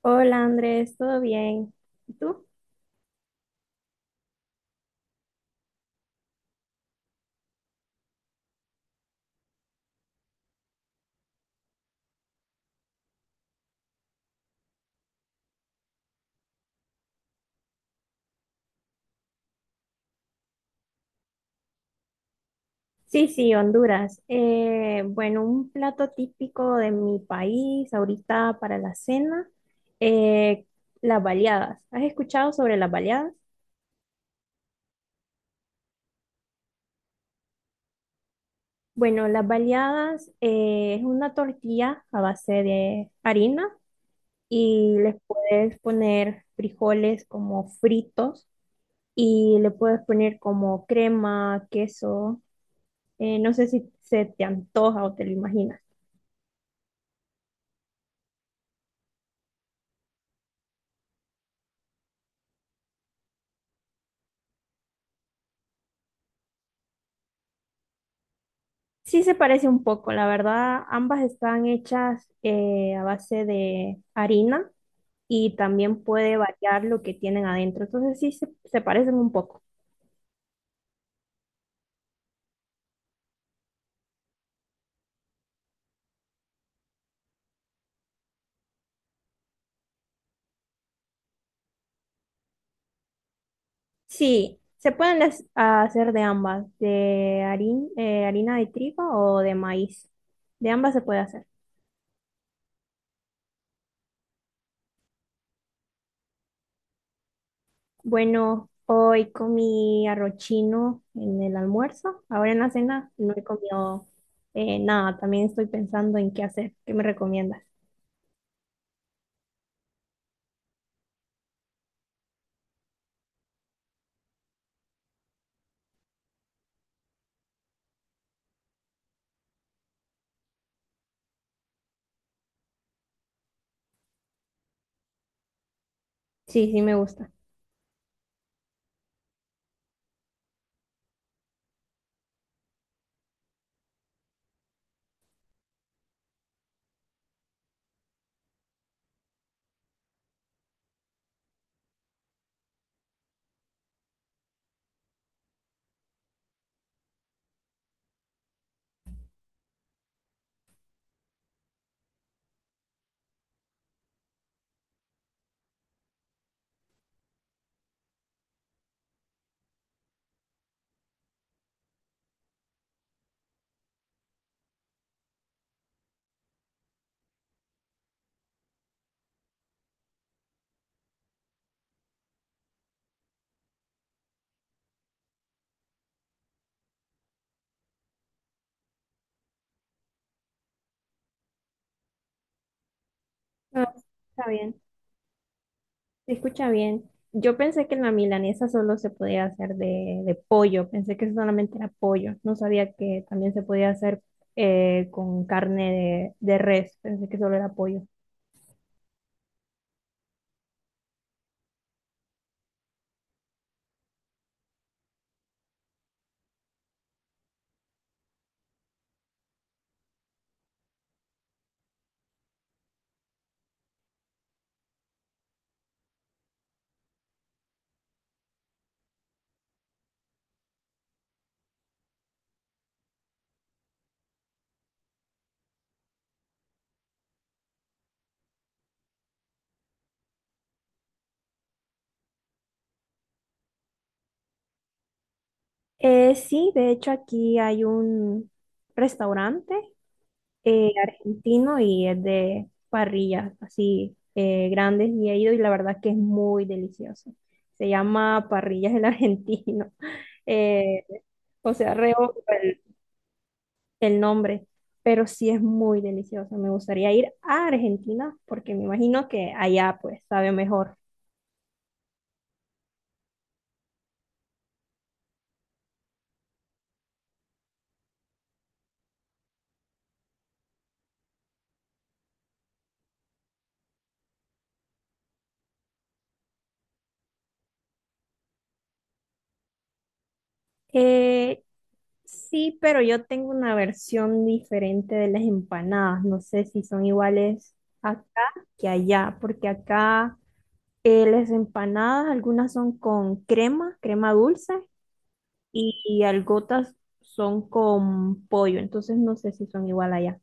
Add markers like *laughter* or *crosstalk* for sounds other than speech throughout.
Hola Andrés, ¿todo bien? ¿Y tú? Sí, sí, Honduras. Bueno, un plato típico de mi país ahorita para la cena, eh, las baleadas. ¿Has escuchado sobre las baleadas? Bueno, las baleadas es una tortilla a base de harina y les puedes poner frijoles como fritos y le puedes poner como crema, queso. No sé si se te antoja o te lo imaginas. Sí se parece un poco, la verdad, ambas están hechas a base de harina y también puede variar lo que tienen adentro, entonces sí se parecen un poco. Sí, se pueden hacer de ambas, de harina de trigo o de maíz, de ambas se puede hacer. Bueno, hoy comí arroz chino en el almuerzo, ahora en la cena no he comido nada, también estoy pensando en qué hacer. ¿Qué me recomiendas? Sí, sí me gusta. No, está bien, se escucha bien. Yo pensé que la milanesa solo se podía hacer de pollo, pensé que solamente era pollo, no sabía que también se podía hacer con carne de res, pensé que solo era pollo. Sí, de hecho aquí hay un restaurante argentino y es de parrillas así grandes y he ido y la verdad que es muy delicioso. Se llama Parrillas del Argentino. *laughs* Eh, o sea, reo el nombre, pero sí es muy delicioso. Me gustaría ir a Argentina porque me imagino que allá pues sabe mejor. Eh, sí, pero yo tengo una versión diferente de las empanadas. No sé si son iguales acá que allá, porque acá las empanadas, algunas son con crema, crema dulce, y algunas son con pollo. Entonces no sé si son igual allá.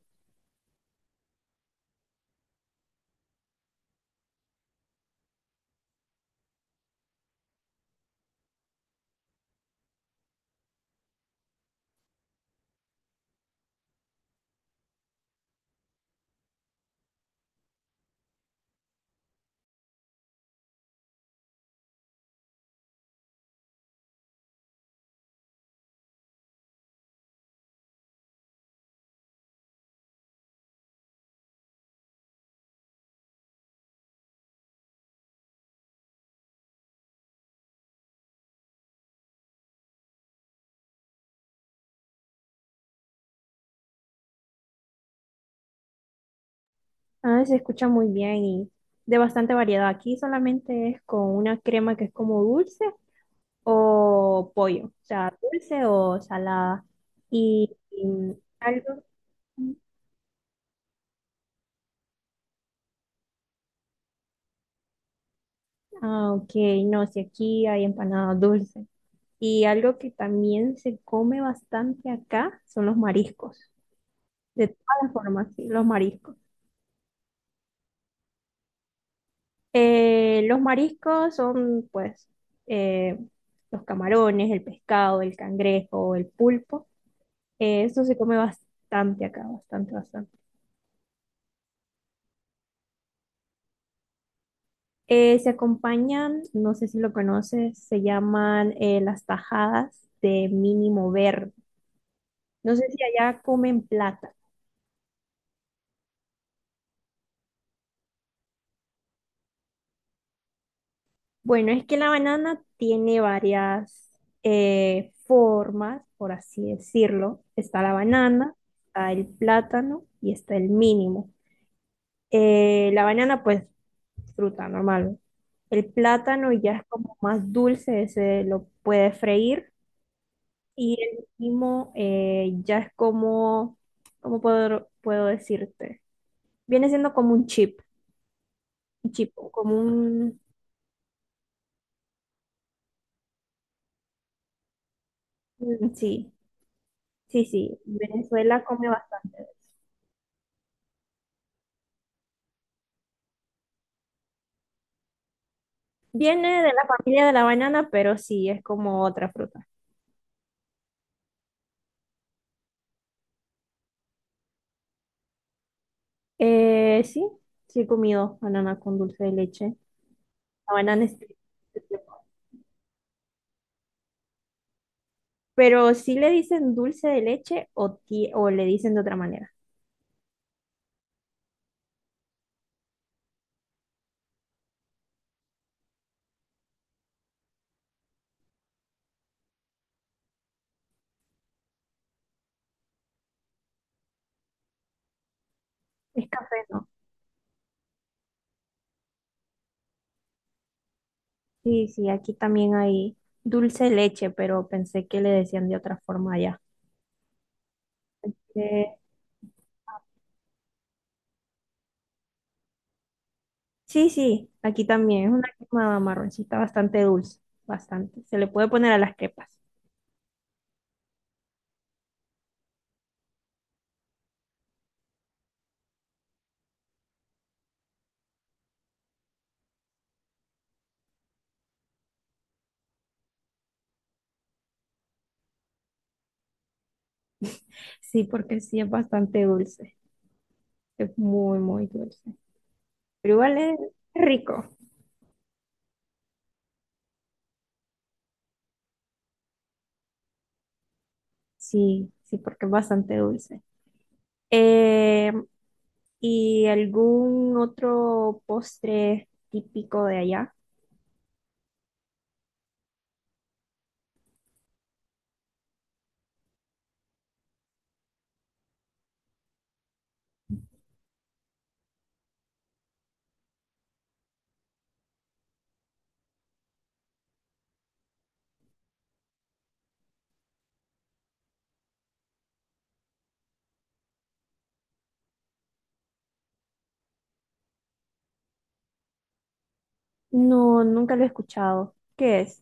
Ah, se escucha muy bien y de bastante variedad. Aquí solamente es con una crema que es como dulce o pollo, o sea, dulce o salada. Y algo, ah, ok, no, si aquí hay empanada dulce. Y algo que también se come bastante acá son los mariscos, de todas las formas, sí, los mariscos. Los mariscos son pues eh, los camarones, el pescado, el cangrejo, el pulpo. Esto se come bastante acá, bastante, bastante. Se acompañan, no sé si lo conoces, se llaman las tajadas de mínimo verde. No sé si allá comen plata. Bueno, es que la banana tiene varias formas, por así decirlo. Está la banana, está el plátano y está el mínimo. La banana, pues, fruta normal. El plátano ya es como más dulce, se lo puede freír. Y el último ya es como, ¿cómo puedo decirte? Viene siendo como un chip, como un... Mm, sí, sí, sí, Venezuela come bastante. Viene de la familia de la banana, pero sí, es como otra fruta. Sí, sí he comido banana con dulce de leche. La banana es... Pero sí le dicen dulce de leche o, o le dicen de otra manera. Es café, ¿no? Sí, sí, aquí también hay dulce de leche, pero pensé que le decían de otra forma allá. Eh, sí, sí, aquí también es una crema marroncita bastante dulce, bastante. Se le puede poner a las crepas. Sí, porque sí es bastante dulce, es muy, muy dulce. Pero igual es rico. Sí, sí, porque es bastante dulce. Eh, ¿Y algún otro postre típico de allá? No, nunca lo he escuchado. ¿Qué es?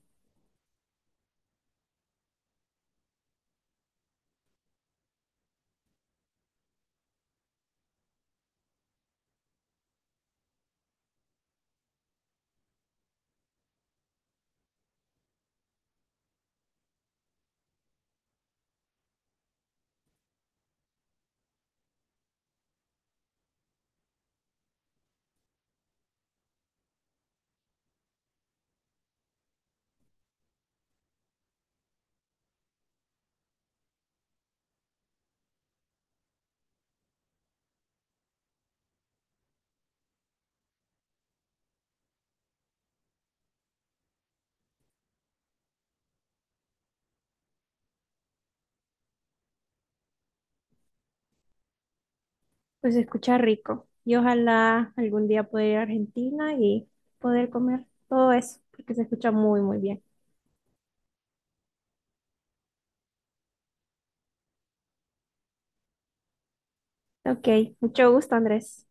Pues se escucha rico. Y ojalá algún día poder ir a Argentina y poder comer todo eso, porque se escucha muy, muy bien. Ok, mucho gusto, Andrés.